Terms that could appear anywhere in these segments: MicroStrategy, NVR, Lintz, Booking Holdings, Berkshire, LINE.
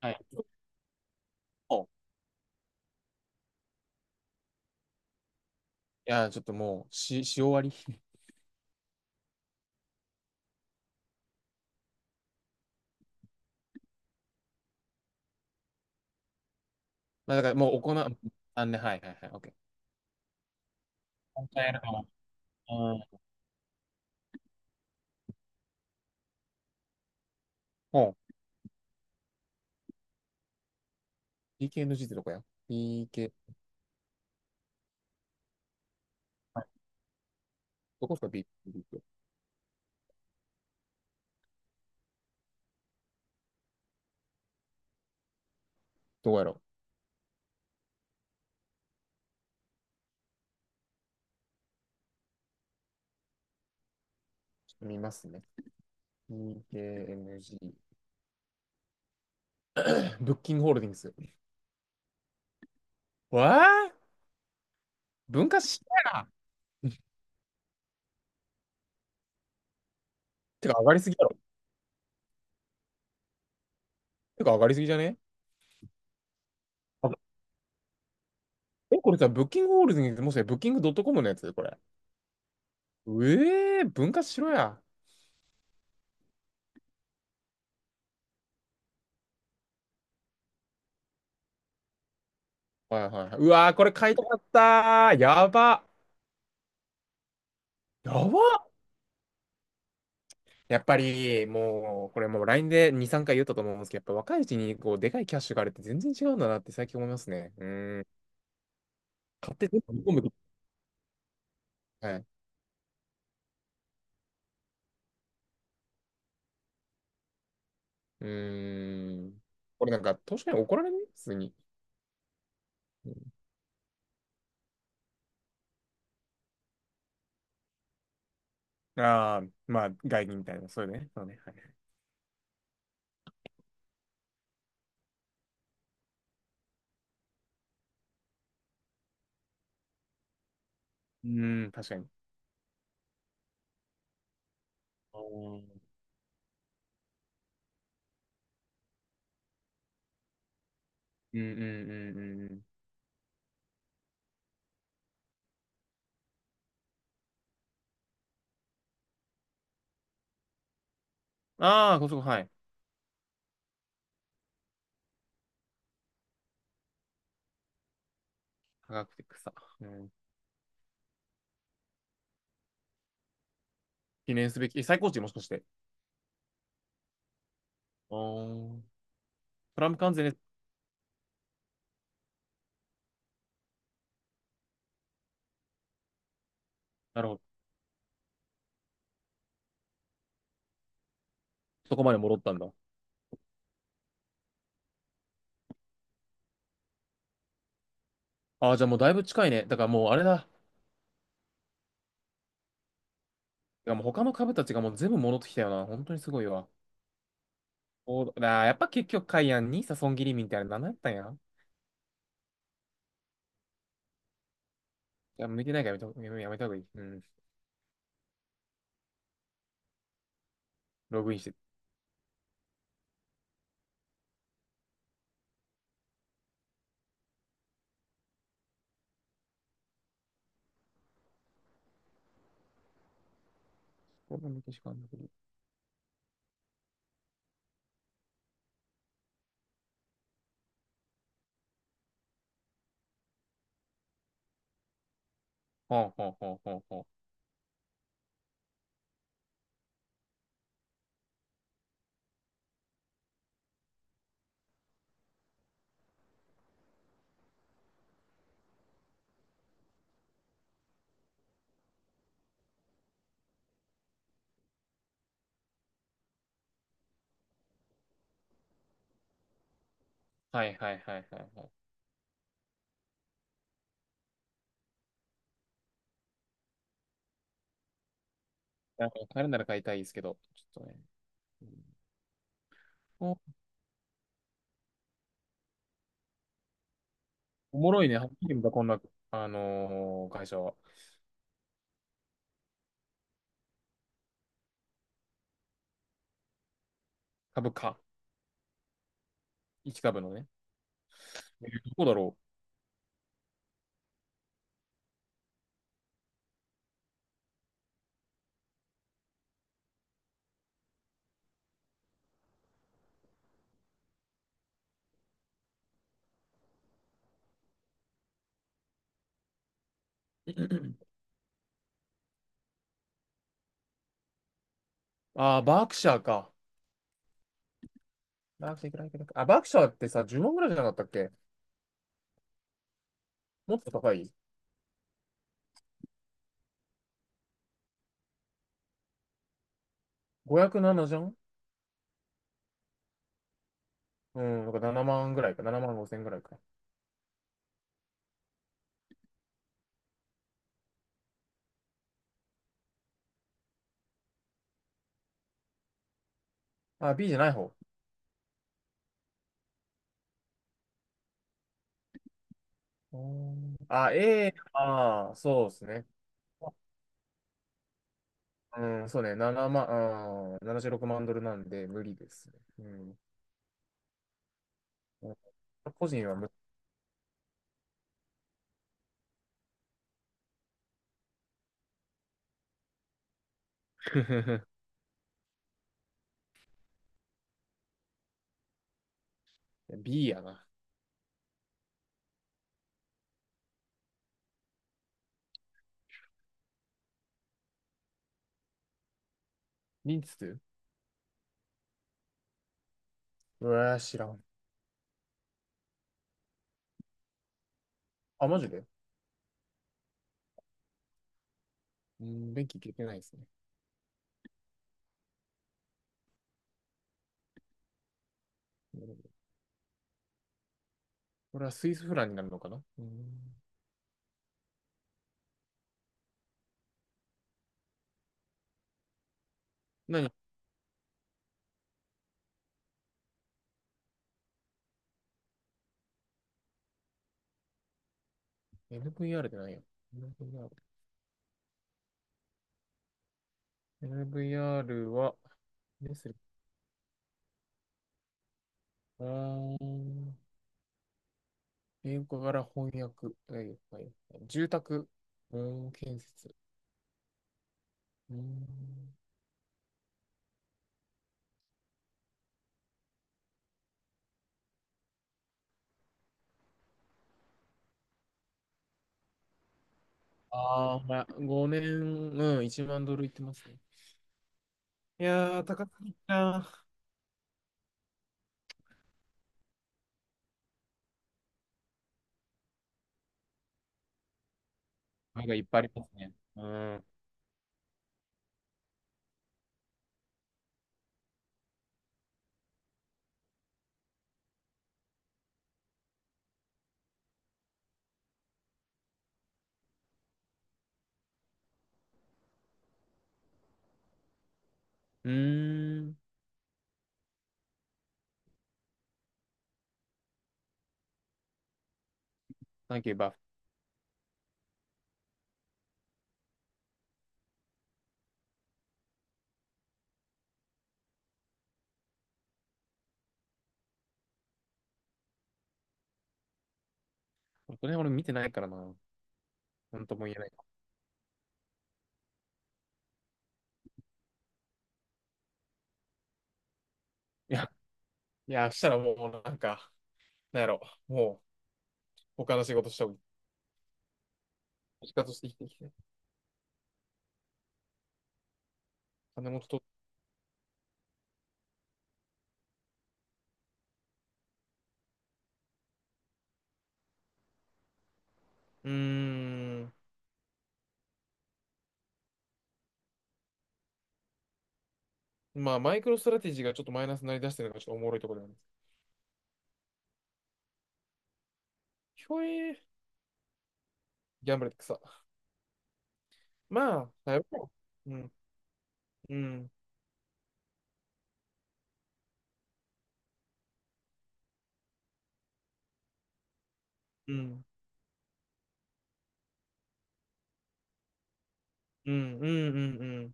はい。おいちょっともう、し終わり。まあ、だからもう行う、あんね、はいはいはい、オッケー。本当やるかも。うん。ほう。k n g ってどこや？ BK、はい、どこですか？ B、k、 どこやろう。ちょっと見ますね。p k n g ブッキングホールディングス。わあ、文化資やな。てか上がりすぎだろ。てか上がりすぎじゃね？あ、え、これさ、ブッキングホールディングス、もしかしてブッキングドットコムのやつこれ。うえー、文化しろや。はいはいはい。うわー、これ買いたかったー。やば。やば。やっぱりもう、これもう LINE で2、3回言ったと思うんですけど、やっぱ若いうちにこう、でかいキャッシュがあるって全然違うんだなって最近思いますね。うん。買って全部見込むと。はい。うん。これなんか、投資家に怒られない普通に。ああ、まあ、外銀みたいな、そういうね。そうね。はい。うん、確かに。あー、うんうんうんうんうん。ああ、こそこ、はい。科学的草。うん。記念すべき、え、最高値もしかして。ああ、プラム関税ね。なるほど。そこまで戻ったんだ。ああ、じゃあもうだいぶ近いね。だからもうあれだ。いや、もう他の株たちがもう全部戻ってきたよな。本当にすごいわ。おー、あー、やっぱ結局、カイアンにさ、損切りみたいな、何やったんや。いや、向いてないからやめた、やめた方がいい。うん。ログインして。こんなメキシコあんだけど。ほうほうほうほうほう。はいはいはいはいはい。なんか買えるなら買いたいですけど、ちょっとね。うん。お、おもろいね。はっきり見た、こんな、会社は。株価。1株のね。どこだろう。ああ、バークシャーか。バークシャー、いくら、いくら、いくら、あ、バークシャーってさ、10万ぐらいじゃなかったっけ？もっと高い？ 507 じゃん。うん、なんか7万ぐらいか、7万5千ぐらいか。あ、B じゃない方。うん、あ、A、あー、そうですね。うん、そうね、7万、うん、76万ドルなんで無理ですね。うん。うん、個人は無 B やな。リンツ、うわ、知らん。あ、マジで？うん、電気消えてないですね。なるほど。これはスイスフランになるのかな。うん。何？ NVR って何や？ NVR。NVR は、です、あー、英語科から翻訳、はいはい、住宅、うん、建設。うん、あーまあ、5年、うん、1万ドルいってますね。いやー、高すぎたな。なんかいっぱいありますね。うん。うーん。なんか言えば、これ俺見てないからな。なんとも言えない。いや、いや、したらもうなんか、なんやろ、もう他の仕事した方がいい。仕方して生きてきて。金もと、うーん。まあ、マイクロストラテジーがちょっとマイナスになりだしてるのがちょっとおもろいところなんです。ひょえー、ギャンブルって草。まあ、だいぶ。うん、うん、うん、うん、うん、うん。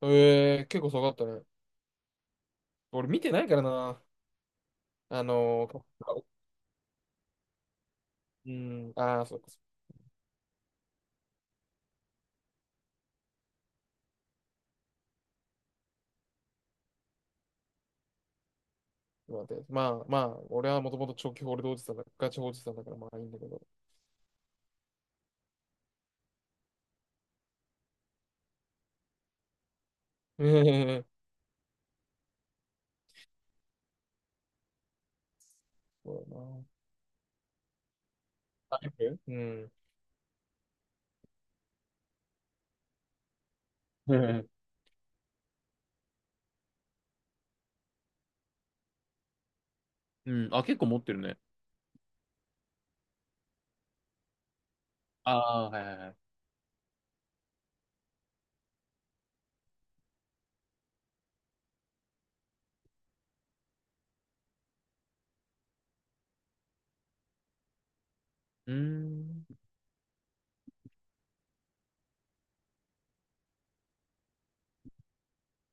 うん、えー、結構すごかったね。俺見てないからな。あのー、うん、ああ、そうか、そうか。待って。まあ、まあ、俺はもともと長期ホールドおじさんだ、ガチホールドおじさんだから、まあいいんだけど。うん、そうだな。あ、見、うん。うん。あ、結構持ってるね。ああ、はいはいはい。うーん。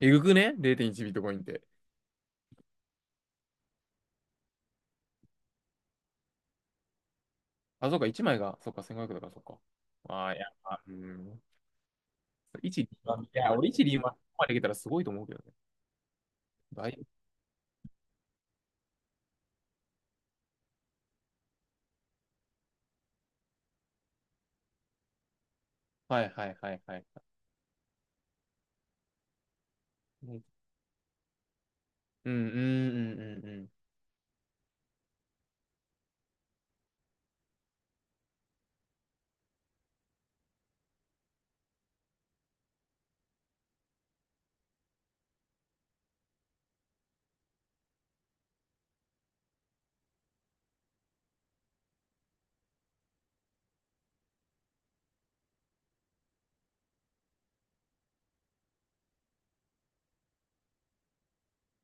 えぐくね？ 0.1 ビットコインって。あ、そうか、1枚が、そうか、1 5 0だから、そうか。ああ、いや、まあうん。1、2番、いや、俺1、2番までいけたらすごいと思うけどね。だい、はいはいはいはい。うんうんうんうん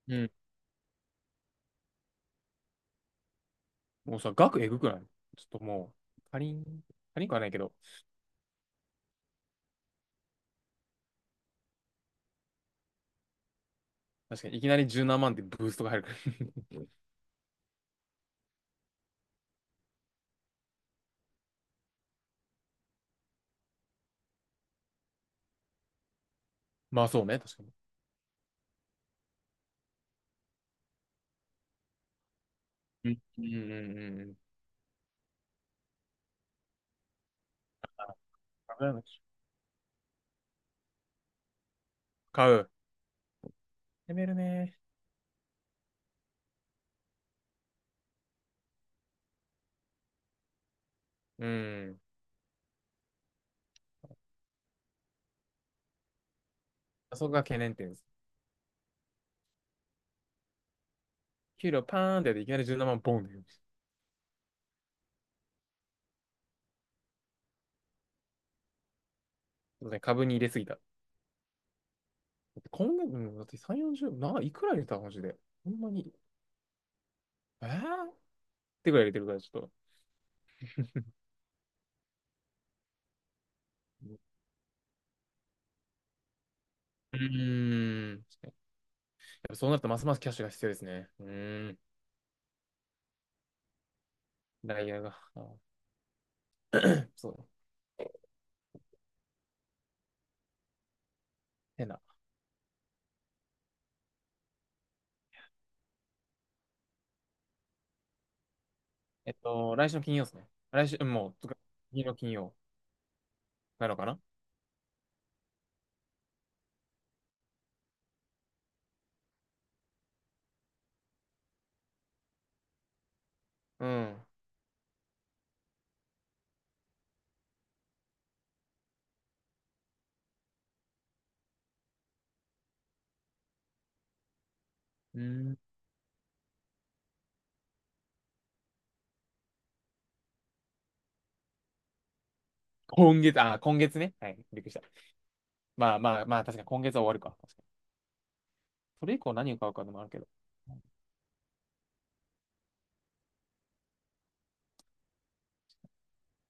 うん。うん。もうさ、額えぐくない？ちょっともう、かリン、カリンかはないけど、確かにいきなり十何万ってブーストが入るから。 まあそうね、確かに。うんうんうんうんうん。い、買う。やめるね。うん。そこが懸念点です。給料パーンってやっていきなり17万ボンって言う。そうね、株に入れすぎた。だって今月、うん、だって3、40、な、いくら入れたマジで。ほんまに。えーてくらい入れてるから、ちょっと。うーん。やっぱそうなるとますますキャッシュが必要ですね。うーん。ダイヤが。あー、そうだ。変な。えっと、来週の金曜ですね。来週、もう、つか次の金曜なのかな。うん。うん。今月、あ、今月ね。はい。びっくりした。まあまあまあ、確かに今月は終わるか。確かにそれ以降何を買うかでもあるけど。